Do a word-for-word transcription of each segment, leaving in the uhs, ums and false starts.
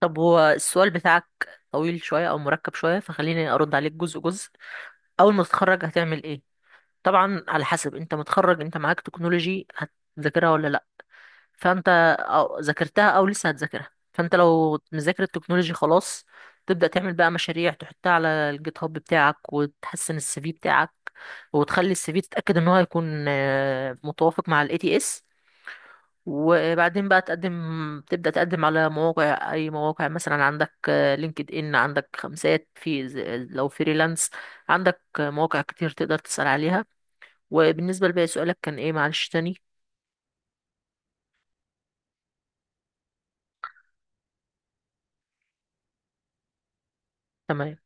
طب هو السؤال بتاعك طويل شوية أو مركب شوية، فخليني أرد عليك جزء جزء. أول ما تتخرج هتعمل إيه؟ طبعا على حسب، أنت متخرج، أنت معاك تكنولوجي هتذاكرها ولا لأ؟ فأنت أو ذاكرتها أو لسه هتذاكرها، فأنت لو مذاكر التكنولوجي خلاص تبدأ تعمل بقى مشاريع تحطها على الجيت هاب بتاعك، وتحسن السي في بتاعك، وتخلي السي في تتأكد إن هو هيكون آه، متوافق مع ال A T S. وبعدين بقى تقدم تبدأ تقدم على مواقع، أي مواقع. مثلا عندك لينكد إن، عندك خمسات في ز- لو فريلانس، عندك مواقع كتير تقدر تسأل عليها. وبالنسبة لباقي سؤالك، كان إيه معلش تاني؟ تمام.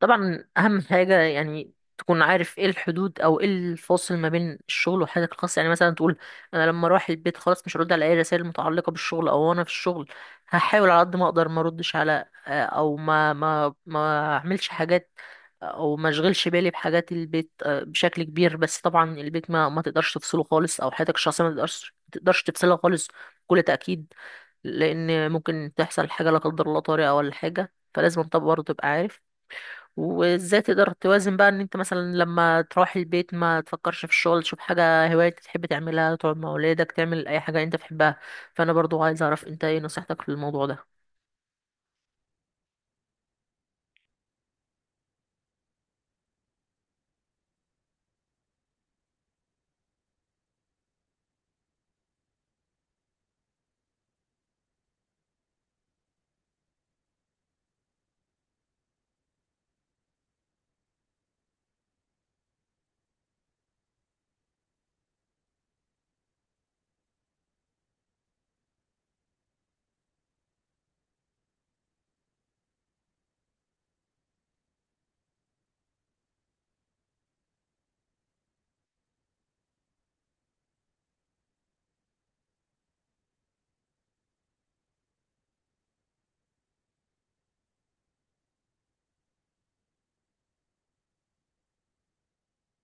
طبعا اهم حاجه يعني تكون عارف ايه الحدود او ايه الفاصل ما بين الشغل وحياتك الخاصه. يعني مثلا تقول انا لما اروح البيت خلاص مش هرد على اي رسائل متعلقه بالشغل، او انا في الشغل هحاول على قد ما اقدر ما اردش على آه، او ما ما ما اعملش حاجات او ما اشغلش بالي بحاجات البيت آه، بشكل كبير. بس طبعا البيت ما ما تقدرش تفصله خالص، او حياتك الشخصيه ما تقدرش ما تقدرش تفصلها خالص، بكل تاكيد. لان ممكن تحصل حاجه لا قدر الله طارئه ولا حاجه، فلازم انت برضه تبقى عارف وازاي تقدر توازن بقى. ان انت مثلا لما تروح البيت ما تفكرش في الشغل، تشوف حاجة هواية تحب تعملها، تقعد مع ولادك، تعمل اي حاجة انت بتحبها. فانا برضو عايز اعرف انت ايه نصيحتك في الموضوع ده.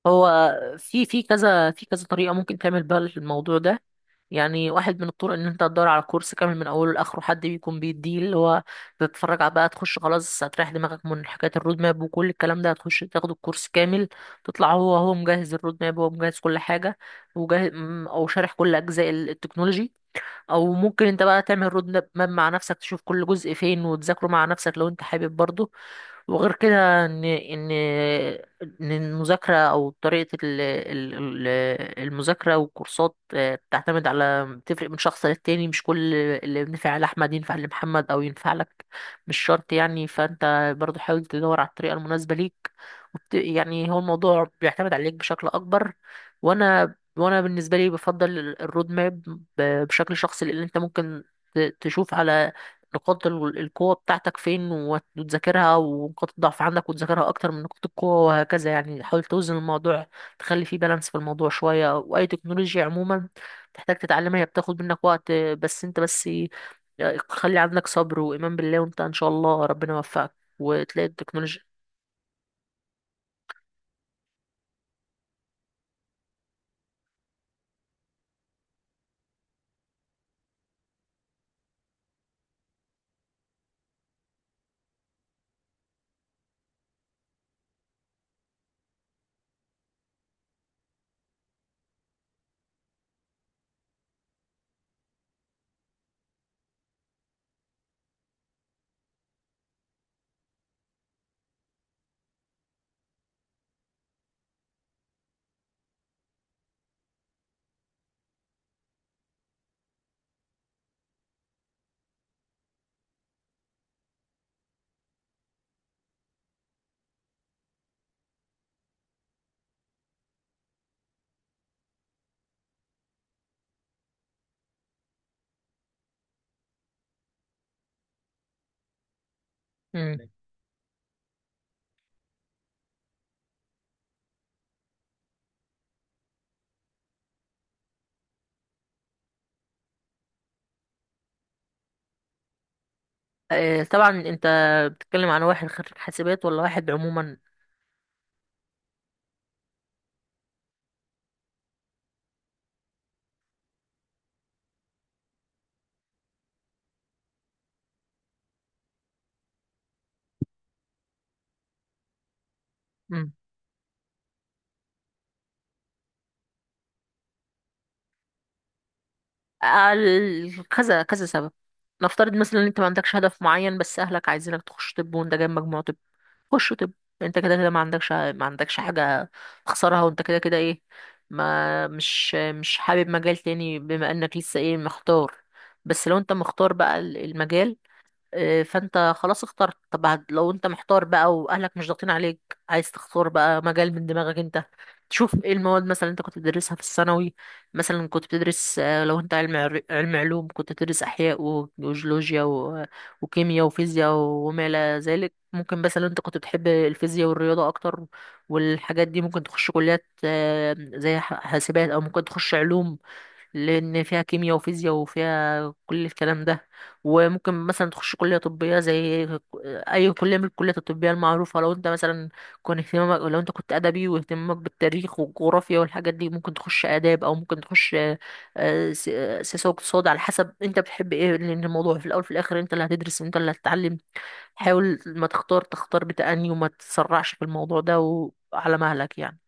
هو في في كذا في كذا طريقة ممكن تعمل بيها الموضوع ده. يعني واحد من الطرق ان انت تدور على كورس كامل من اوله لاخره، حد بيكون بيديه اللي هو تتفرج على بقى، تخش خلاص هتريح دماغك من حكايه الرود ماب وكل الكلام ده، هتخش تاخد الكورس كامل، تطلع هو هو مجهز الرود ماب، هو مجهز كل حاجه وجاهز، او شارح كل اجزاء ال- التكنولوجي. او ممكن انت بقى تعمل رود ماب مع نفسك، تشوف كل جزء فين وتذاكره مع نفسك لو انت حابب برضه. وغير كده ان ان ان المذاكره او طريقه ال- ال- ال- المذاكره والكورسات آه، بتعتمد على بتفرق من شخص للتاني، مش كل اللي بينفع لاحمد ينفع لمحمد او ينفع لك، مش شرط يعني. فانت برضو حاول تدور على الطريقه المناسبه ليك. وبت... يعني هو الموضوع بيعتمد عليك بشكل اكبر. وانا وانا بالنسبه لي، بفضل الرود ماب ب- بشكل شخصي، لان انت ممكن ت- تشوف على نقاط ال- القوة بتاعتك فين وت- وتذاكرها، ونقاط الضعف عندك وتذاكرها أكتر من نقاط القوة، وهكذا. يعني حاول توزن الموضوع، تخلي فيه بالانس في الموضوع شوية. وأي تكنولوجيا عموما تحتاج تتعلمها، هي بتاخد منك وقت، بس أنت بس خلي عندك صبر وإيمان بالله، وأنت إن شاء الله ربنا يوفقك وتلاقي التكنولوجيا. مم. آه، طبعا أنت بتتكلم عن واحد خريج حاسبات ولا واحد عموما؟ ال- كذا كذا سبب. نفترض مثلا ان انت ما عندكش هدف معين بس اهلك عايزينك تخش طب، وانت جايب مجموع طب، خش طب. انت كده كده ما عندكش ما عندكش حاجه تخسرها، وانت كده كده ايه، ما مش مش حابب مجال تاني، بما انك لسه ايه مختار. بس لو انت مختار بقى ال- المجال، إيه، فانت خلاص اخترت طب. هت- لو انت محتار بقى واهلك مش ضاغطين عليك، عايز تختار بقى مجال من دماغك انت، تشوف ايه المواد مثلا انت كنت بتدرسها في الثانوي. مثلا كنت بتدرس آه، لو انت علم عر- علم علوم، كنت بتدرس احياء و- وجيولوجيا و- وكيمياء وفيزياء وما الى ذلك. ممكن مثلا انت كنت بتحب الفيزياء والرياضه اكتر والحاجات دي، ممكن تخش كليات آه، زي ح- حاسبات، او ممكن تخش علوم لان فيها كيمياء وفيزياء وفيها كل الكلام ده. وممكن مثلا تخش كليه طبيه، زي اي كليه من الكليات الطبيه المعروفه. لو انت مثلا كنت اهتمامك لو انت كنت ادبي واهتمامك بالتاريخ والجغرافيا والحاجات دي، ممكن تخش اداب، او ممكن تخش آه، آه، س- آه، سياسه واقتصاد، على حسب انت بتحب ايه. لان الموضوع في الاول في الاخر انت اللي هتدرس، انت اللي هتتعلم. حاول ما تختار تختار بتأني، وما تتسرعش في الموضوع ده، وعلى مهلك يعني.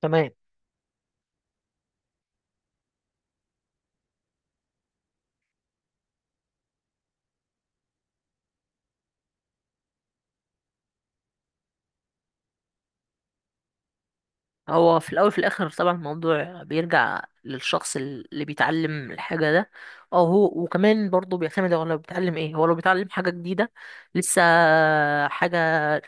تمام. هو في الاول في الاخر طبعا الموضوع بيرجع للشخص اللي بيتعلم الحاجه ده، او هو. وكمان برضه بيعتمد، هو لو بيتعلم ايه، هو لو بيتعلم حاجه جديده لسه حاجه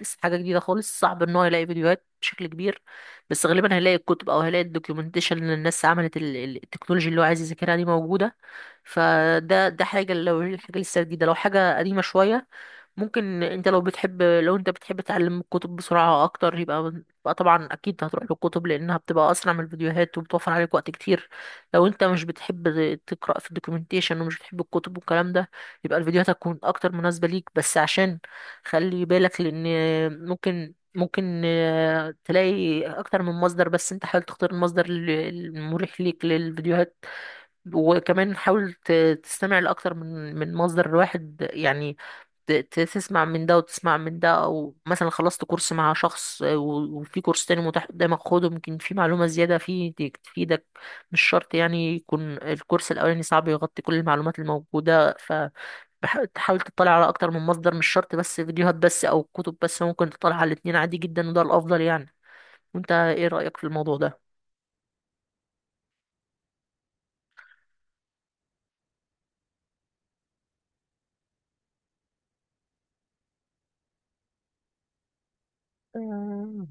لسه حاجه جديده خالص، صعب ان هو يلاقي فيديوهات بشكل كبير، بس غالبا هيلاقي الكتب او هيلاقي الدوكيومنتيشن اللي الناس عملت ال- ال- التكنولوجي اللي هو عايز يذاكرها دي موجوده. فده ده حاجه لو الحاجه لسه جديده. لو حاجه قديمه شويه، ممكن انت لو بتحب لو انت بتحب تتعلم الكتب بسرعة اكتر، يبقى يبقى طبعا اكيد هتروح للكتب لانها بتبقى اسرع من الفيديوهات وبتوفر عليك وقت كتير. لو انت مش بتحب تقرأ في الدوكيومنتيشن، ومش بتحب الكتب والكلام ده، يبقى الفيديوهات هتكون اكتر مناسبة ليك. بس عشان خلي بالك، لان ممكن ممكن آه، تلاقي اكتر من مصدر، بس انت حاول تختار المصدر ال- المريح ليك للفيديوهات. وكمان حاول ت- تستمع لأكتر من من مصدر واحد يعني. ت- ت- تسمع من ده وتسمع من ده، أو مثلا خلصت كورس مع شخص آه، و- وفي كورس تاني متاح قدامك، خده، ممكن في معلومة زيادة فيه ت- تفيدك. مش شرط يعني يكون الكورس الأولاني صعب يغطي كل المعلومات الموجودة. ف بح- تحاول تطلع على أكتر من مصدر، مش شرط بس فيديوهات بس أو كتب بس، ممكن تطلع على الاتنين عادي جدا، وده الأفضل يعني. وأنت إيه رأيك في الموضوع ده؟ آه،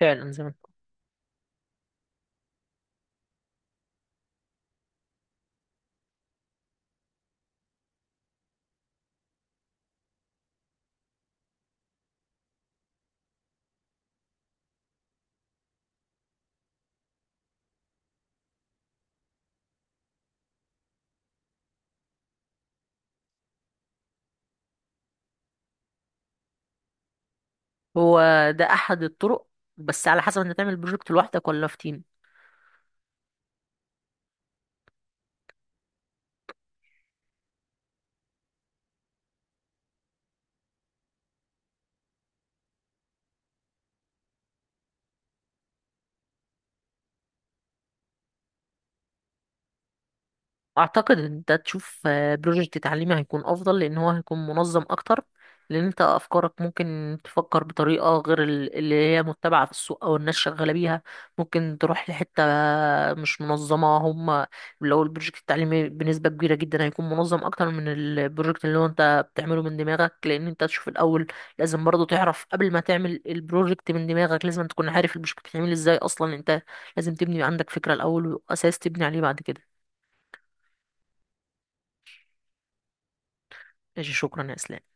فعلا زي ما. هو ده احد الطرق، بس على حسب انت تعمل بروجكت لوحدك ولا في تيم. اعتقد ان انت تشوف آه، بروجكت تعليمي هيكون افضل، لان هو هيكون منظم اكتر، لان انت افكارك ممكن تفكر بطريقه غير ال- اللي هي متبعه في السوق او الناس شغاله بيها، ممكن تروح لحته مش منظمه هم. لو البروجكت التعليمي بنسبه كبيره جدا هيكون منظم اكتر من البروجكت اللي هو انت بتعمله من دماغك. لان انت تشوف الاول، لازم برضه تعرف قبل ما تعمل البروجكت من دماغك، لازم تكون عارف البروجكت بيتعمل ازاي اصلا. انت لازم تبني عندك فكره الاول واساس تبني عليه بعد كده. ماشي، شكرا يا اسلام.